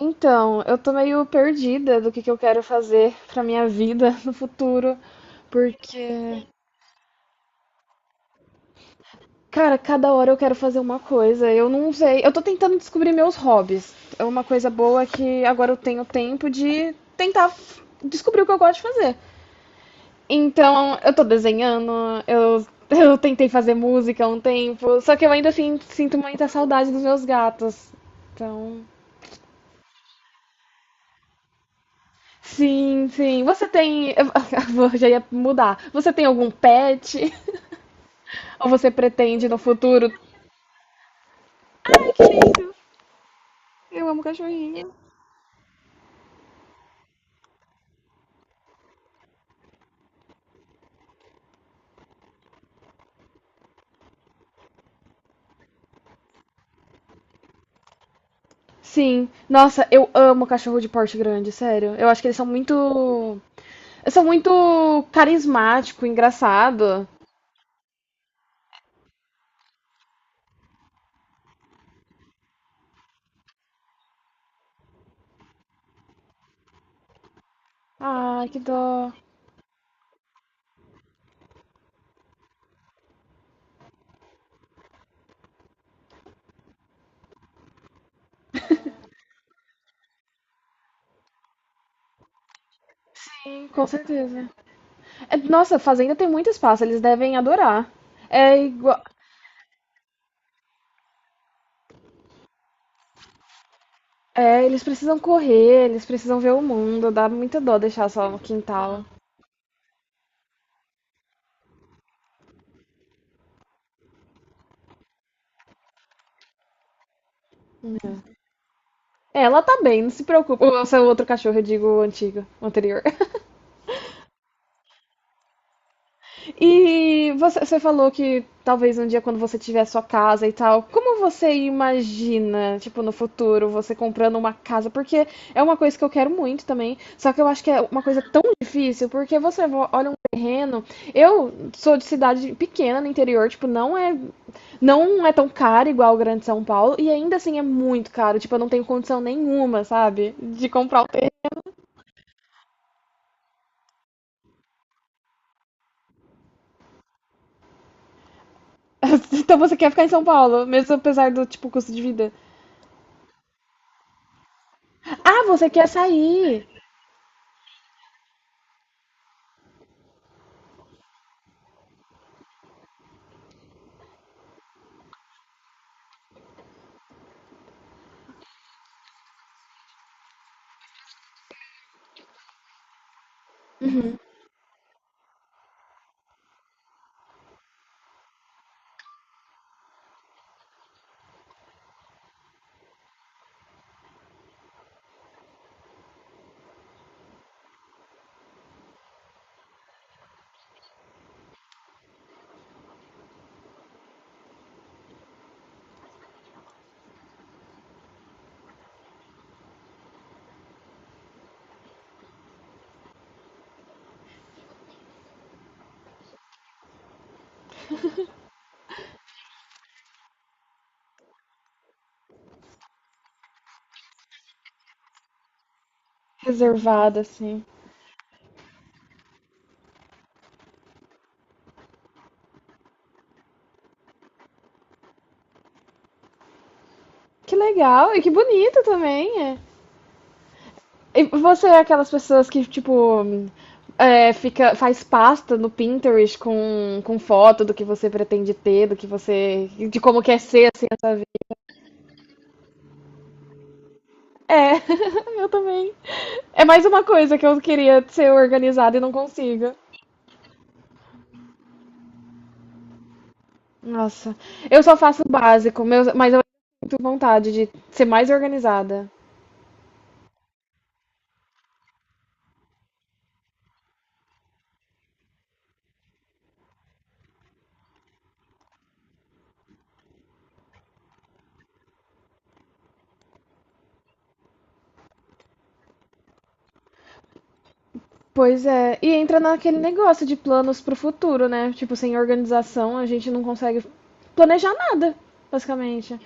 Então, eu tô meio perdida do que eu quero fazer pra minha vida no futuro, porque, cara, cada hora eu quero fazer uma coisa, eu não sei. Eu tô tentando descobrir meus hobbies. É uma coisa boa que agora eu tenho tempo de tentar descobrir o que eu gosto de fazer. Então, eu tô desenhando, eu, eu tentei fazer música há um tempo, só que eu ainda assim, sinto muita saudade dos meus gatos. Então. Sim, sim. Você tem. Eu já ia mudar. Você tem algum pet? Ou você pretende no futuro? Ai, que lindo! Eu amo cachorrinho. Sim. Nossa, eu amo cachorro de porte grande, sério. Eu acho que eles são muito. Eles são muito carismático, engraçado. Ai, que dó. Sim, com certeza. É, nossa, fazenda tem muito espaço, eles devem adorar. É igual. É, eles precisam correr, eles precisam ver o mundo, dá muita dó deixar só no quintal. Ela tá bem, não se preocupa. O seu outro cachorro, eu digo antigo, anterior. E você falou que talvez um dia quando você tiver sua casa e tal, como você imagina, tipo, no futuro, você comprando uma casa? Porque é uma coisa que eu quero muito também, só que eu acho que é uma coisa tão difícil, porque você olha um terreno. Eu sou de cidade pequena no interior, tipo, não é tão caro igual o Grande São Paulo, e ainda assim é muito caro, tipo, eu não tenho condição nenhuma, sabe, de comprar o Então você quer ficar em São Paulo, mesmo apesar do tipo custo de vida. Ah, você quer sair reservada, assim. Que legal e que bonito também. É. E você é aquelas pessoas que, tipo, é, fica, faz pasta no Pinterest com foto do que você pretende ter, do que você. De como quer ser assim a sua vida. É, eu também. É mais uma coisa que eu queria ser organizada e não consigo. Nossa, eu só faço o básico, mas eu tenho vontade de ser mais organizada. Pois é, e entra naquele negócio de planos pro futuro, né? Tipo, sem organização a gente não consegue planejar nada, basicamente.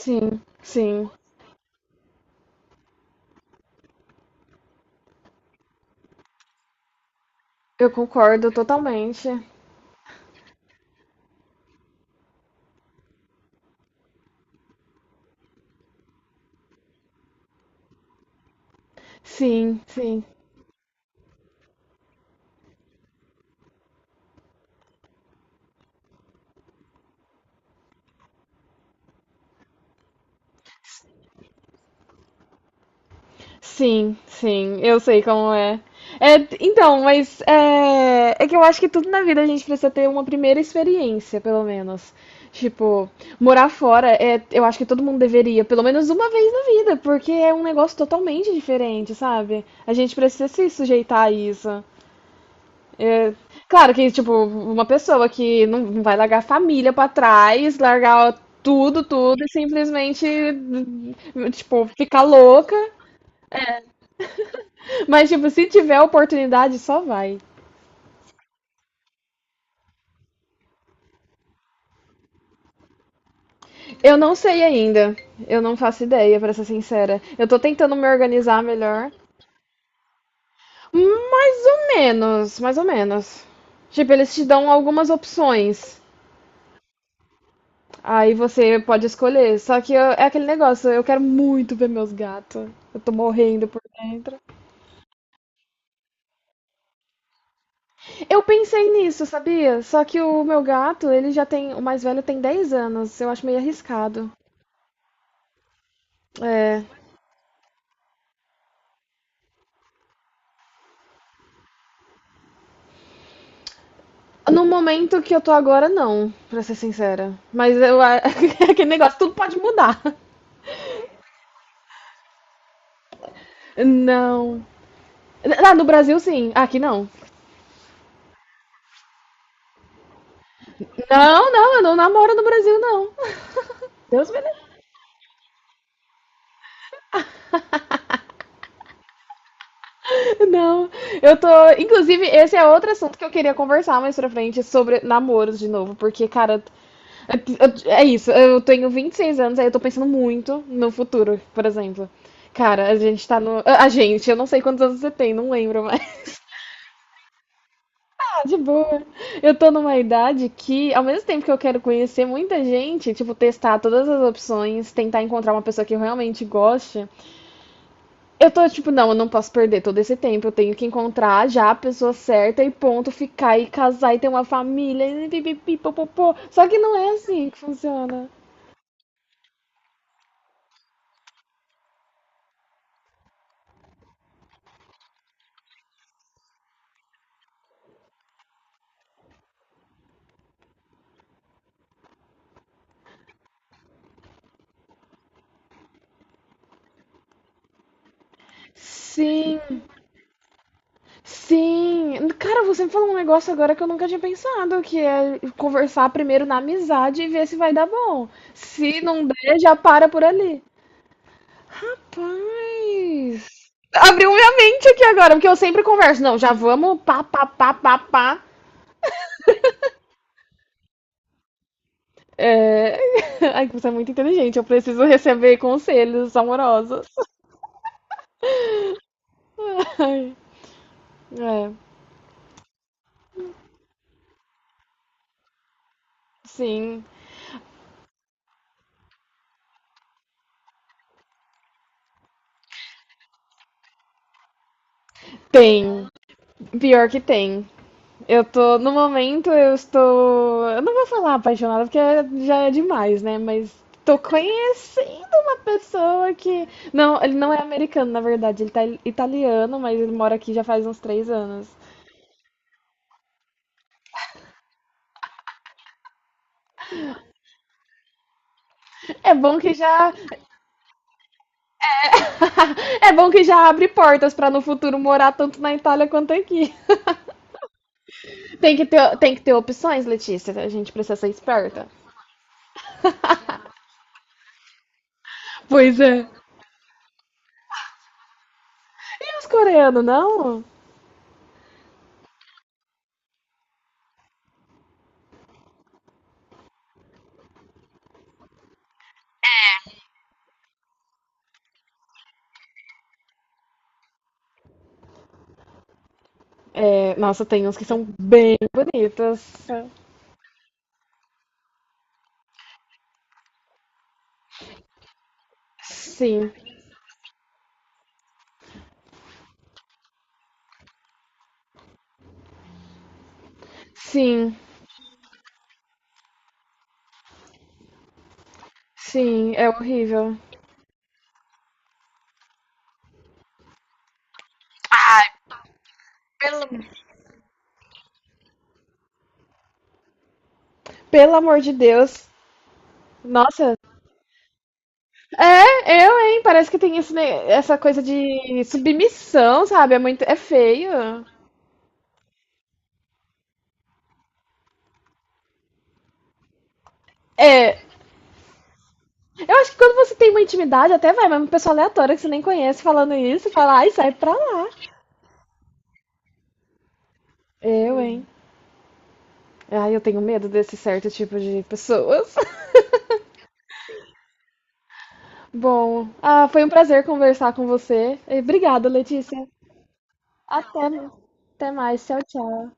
Sim, sim, eu concordo totalmente. Sim, sim. Sim, sim, eu sei como é. É, então, mas é que eu acho que tudo na vida a gente precisa ter uma primeira experiência, pelo menos. Tipo, morar fora, é, eu acho que todo mundo deveria, pelo menos uma vez na vida, porque é um negócio totalmente diferente, sabe? A gente precisa se sujeitar a isso. É, claro que, tipo, uma pessoa que não vai largar a família pra trás, largar tudo, tudo e simplesmente, tipo, ficar louca. Mas, tipo, se tiver oportunidade, só vai. Eu não sei ainda. Eu não faço ideia, pra ser sincera. Eu tô tentando me organizar melhor. Mais ou menos, mais ou menos. Tipo, eles te dão algumas opções. Aí você pode escolher. Só que é aquele negócio, eu quero muito ver meus gatos. Eu tô morrendo por dentro. Eu pensei nisso, sabia? Só que o meu gato, ele já tem. O mais velho tem 10 anos. Eu acho meio arriscado. É. No momento que eu tô agora, não, pra ser sincera. Mas eu, aquele negócio, tudo pode mudar. Não. Ah, no Brasil, sim. Aqui, não. Não, não, eu não namoro no Brasil, não. Deus me livre. Não, eu tô. Inclusive, esse é outro assunto que eu queria conversar mais pra frente sobre namoros de novo, porque, cara, é isso. Eu tenho 26 anos, aí eu tô pensando muito no futuro, por exemplo. Cara, a gente tá no. A gente, eu não sei quantos anos você tem, não lembro mais. De boa. Eu tô numa idade que, ao mesmo tempo que eu quero conhecer muita gente, tipo, testar todas as opções, tentar encontrar uma pessoa que eu realmente goste, eu tô tipo, não, eu não posso perder todo esse tempo, eu tenho que encontrar já a pessoa certa e ponto, ficar e casar e ter uma família e pipipi, popopô. Só que não é assim que funciona. Sim, sim. Cara, você me falou um negócio agora que eu nunca tinha pensado, que é conversar primeiro na amizade e ver se vai dar bom. Se não der, já para por ali. Rapaz! Abriu minha mente aqui agora, porque eu sempre converso. Não, já vamos pá, pá, pá, pá, pá. É... Ai, você é muito inteligente. Eu preciso receber conselhos amorosos. Ai, é, sim. Tem. Pior que tem. Eu tô, no momento, eu estou. Eu não vou falar apaixonada porque já é demais, né? Mas tô conhecendo uma pessoa que. Não, ele não é americano, na verdade. Ele tá italiano, mas ele mora aqui já faz uns 3 anos. É bom que já é bom que já abre portas para no futuro morar tanto na Itália quanto aqui. Tem que ter opções, Letícia. A gente precisa ser esperta. Pois é. E os coreanos, não? É, nossa, tem uns que são bem bonitos. Sim, sim, sim, é horrível. Pelo amor de Deus. Nossa, é, eu, hein? Parece que tem esse, essa coisa de submissão, sabe? É muito, é feio. É, eu acho que quando você tem uma intimidade, até vai, mas uma pessoa aleatória que você nem conhece falando isso, fala, ai, sai pra lá. Eu, hein? Ai, eu tenho medo desse certo tipo de pessoas. Bom, ah, foi um prazer conversar com você. E obrigada, Letícia. Até, até mais. Tchau, tchau.